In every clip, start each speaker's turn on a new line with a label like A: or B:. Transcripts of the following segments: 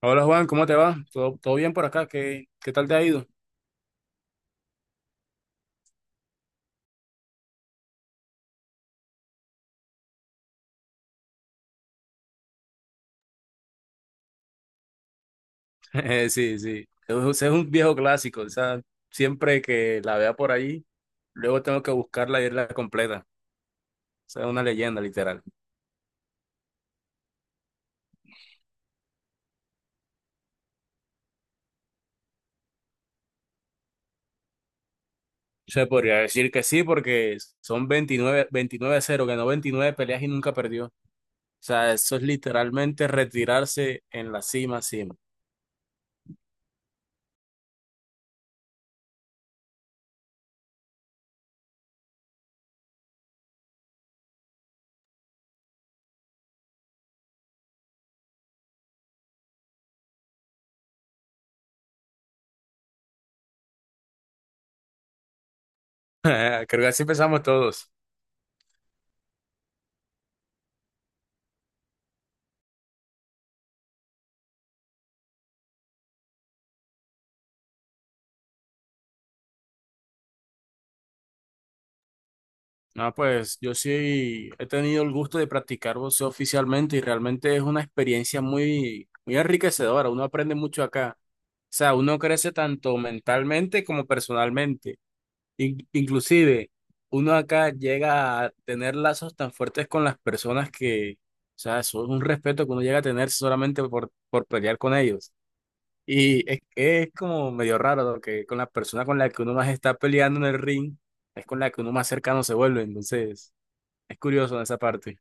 A: Hola Juan, ¿cómo te va? ¿Todo bien por acá? ¿Qué tal te ha ido? Sí, sí. Es un viejo clásico. O sea, siempre que la vea por ahí, luego tengo que buscarla y irla completa. O sea, es una leyenda, literal. Se podría decir que sí, porque son veintinueve 29-0, ganó 29 peleas y nunca perdió. O sea, eso es literalmente retirarse en la cima, cima. Creo que así empezamos todos. No, pues yo sí he tenido el gusto de practicar boxeo oficialmente y realmente es una experiencia muy, muy enriquecedora. Uno aprende mucho acá. O sea, uno crece tanto mentalmente como personalmente. Inclusive, uno acá llega a tener lazos tan fuertes con las personas que, o sea, eso es un respeto que uno llega a tener solamente por pelear con ellos. Y es como medio raro, ¿no? Que con la persona con la que uno más está peleando en el ring, es con la que uno más cercano se vuelve. Entonces. Es curioso esa parte,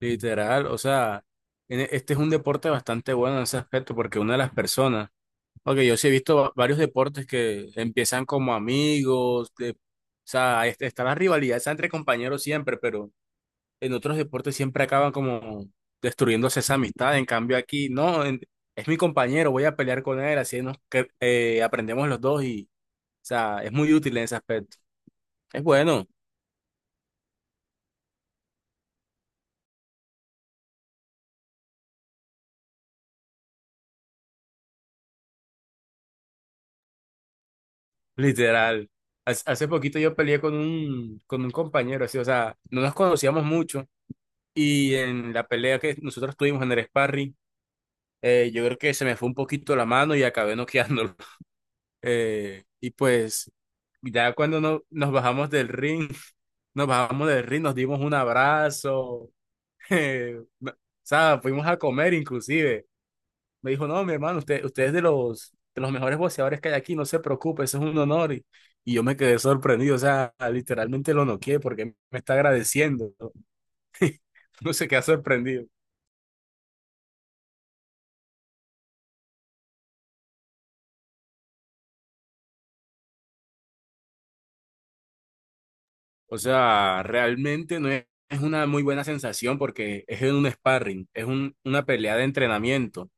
A: literal. O sea, este es un deporte bastante bueno en ese aspecto porque una de las personas, ok, yo sí he visto varios deportes que empiezan como amigos, o sea, está la rivalidad está entre compañeros siempre, pero en otros deportes siempre acaban como destruyéndose esa amistad. En cambio aquí, no, es mi compañero, voy a pelear con él, así nos aprendemos los dos y, o sea, es muy útil en ese aspecto. Es bueno. Literal. Hace poquito yo peleé con un compañero, así, o sea, no nos conocíamos mucho y en la pelea que nosotros tuvimos en el sparring, yo creo que se me fue un poquito la mano y acabé noqueándolo. Y pues ya cuando no, nos bajamos del ring, nos bajamos del ring, nos dimos un abrazo, o sea, fuimos a comer inclusive. Me dijo, no, mi hermano, usted es de los mejores boxeadores que hay aquí, no se preocupe, eso es un honor. Y yo me quedé sorprendido, o sea, literalmente lo noqué porque me está agradeciendo. No se queda sorprendido. O sea, realmente no es, es una muy buena sensación porque es en un sparring, es una pelea de entrenamiento.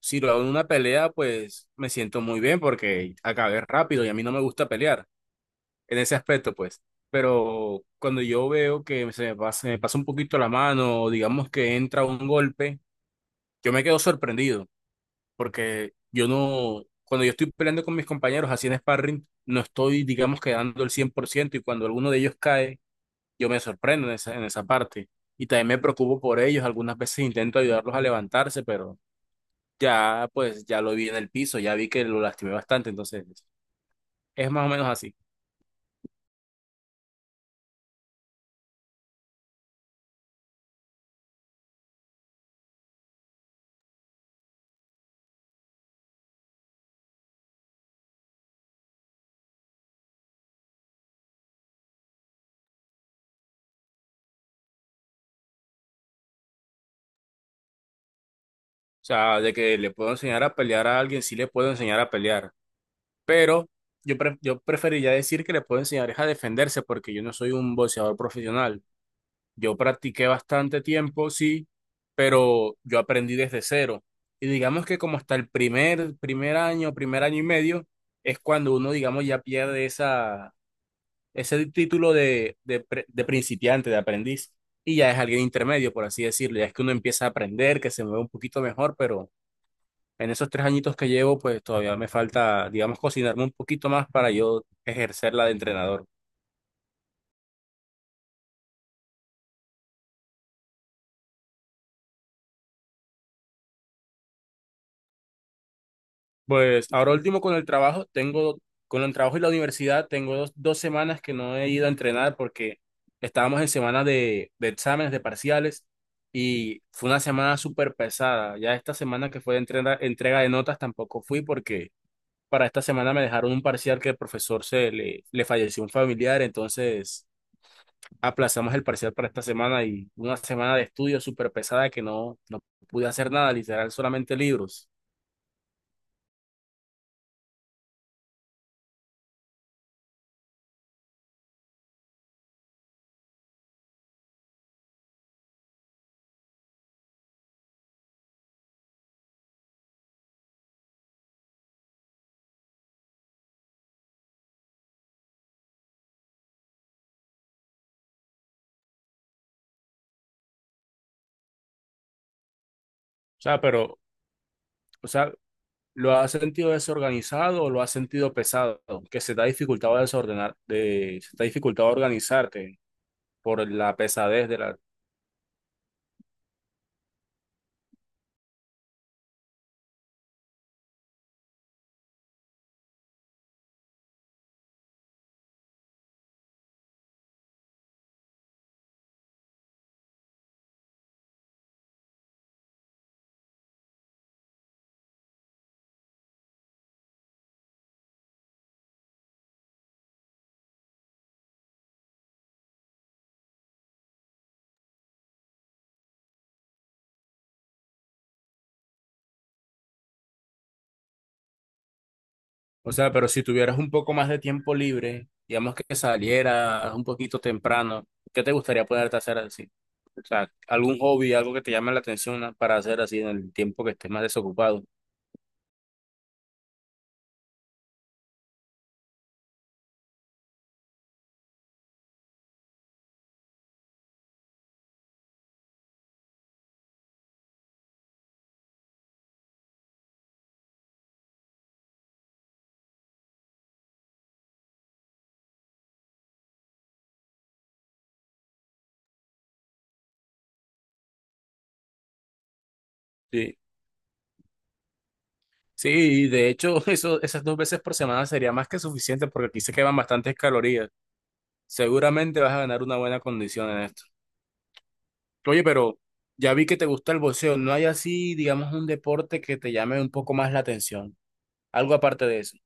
A: Si lo hago en una pelea, pues me siento muy bien porque acabé rápido y a mí no me gusta pelear, en ese aspecto, pues. Pero cuando yo veo que se me pasa un poquito la mano, o digamos que entra un golpe, yo me quedo sorprendido, porque yo no, cuando yo estoy peleando con mis compañeros así en sparring, no estoy, digamos, quedando el 100% y cuando alguno de ellos cae, yo me sorprendo en esa parte. Y también me preocupo por ellos, algunas veces intento ayudarlos a levantarse, pero ya, pues, ya lo vi en el piso, ya vi que lo lastimé bastante, entonces es más o menos así. O sea, de que le puedo enseñar a pelear a alguien, sí le puedo enseñar a pelear, pero yo preferiría decir que le puedo enseñar es a defenderse porque yo no soy un boxeador profesional. Yo practiqué bastante tiempo, sí, pero yo aprendí desde cero. Y digamos que como hasta el primer año y medio, es cuando uno, digamos, ya pierde ese título de principiante, de aprendiz, y ya es alguien intermedio, por así decirlo. Ya es que uno empieza a aprender, que se mueve un poquito mejor, pero. En esos tres añitos que llevo, pues todavía me falta, digamos, cocinarme un poquito más para yo ejercerla de entrenador. Pues ahora último con el trabajo y la universidad, tengo dos semanas que no he ido a entrenar porque estábamos en semana de exámenes, de parciales, y fue una semana súper pesada. Ya esta semana que fue de entrega de notas tampoco fui porque para esta semana me dejaron un parcial que el profesor se le falleció un familiar, entonces aplazamos el parcial para esta semana y una semana de estudio súper pesada que no pude hacer nada, literal, solamente libros. O sea, pero, o sea, ¿lo has sentido desorganizado o lo has sentido pesado? Que se te ha dificultado desordenar, se te ha dificultado organizarte por la pesadez de la. O sea, pero si tuvieras un poco más de tiempo libre, digamos que salieras un poquito temprano, ¿qué te gustaría poderte hacer así? O sea, algún hobby, algo que te llame la atención, ¿no? Para hacer así en el tiempo que estés más desocupado. Sí. Sí, de hecho, esas dos veces por semana sería más que suficiente porque aquí se queman bastantes calorías. Seguramente vas a ganar una buena condición en esto. Oye, pero ya vi que te gusta el boxeo. ¿No hay así, digamos, un deporte que te llame un poco más la atención? Algo aparte de eso.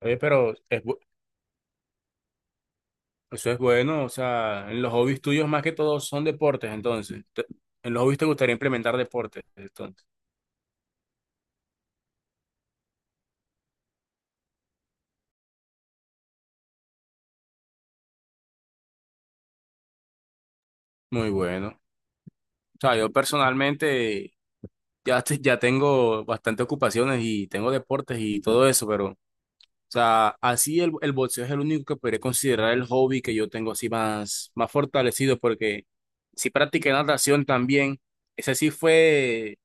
A: Oye, pero eso es bueno. O sea, en los hobbies tuyos más que todo son deportes, entonces. En los hobbies te gustaría implementar deportes, entonces. Muy bueno. O sea, yo personalmente. Ya tengo bastantes ocupaciones y tengo deportes y todo eso, pero, o sea, así el boxeo es el único que podría considerar el hobby que yo tengo así más, más fortalecido, porque sí practiqué natación también. Ese sí fue,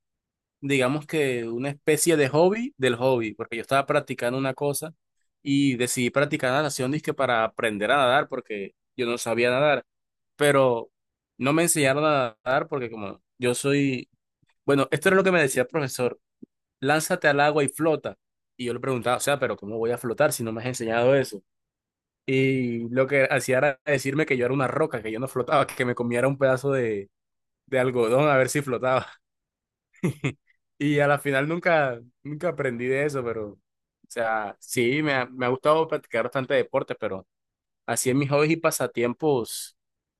A: digamos que una especie de hobby del hobby, porque yo estaba practicando una cosa y decidí practicar natación, dizque para aprender a nadar, porque yo no sabía nadar, pero no me enseñaron a nadar porque como yo soy, bueno, esto era lo que me decía el profesor lánzate al agua y flota. Y yo le preguntaba, o sea, pero ¿cómo voy a flotar si no me has enseñado eso? Y lo que hacía era decirme que yo era una roca, que yo no flotaba, que me comiera un pedazo de algodón a ver si flotaba. Y a la final nunca, nunca aprendí de eso, pero, o sea, sí, me ha gustado practicar bastante deportes, pero así en mis hobbies y pasatiempos,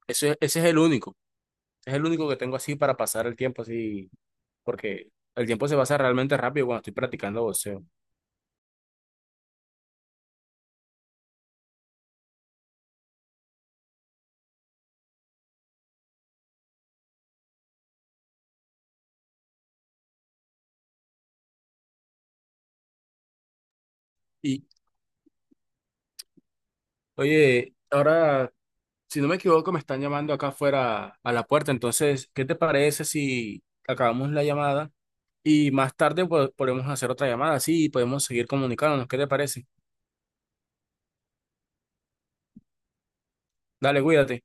A: ese es el único que tengo así para pasar el tiempo así, porque el tiempo se pasa realmente rápido cuando estoy practicando boxeo. ¿Y Oye, ahora, si no me equivoco, me están llamando acá afuera a la puerta. Entonces, ¿qué te parece si acabamos la llamada y más tarde, pues, podemos hacer otra llamada? Sí, podemos seguir comunicándonos. ¿Qué te parece? Dale, cuídate.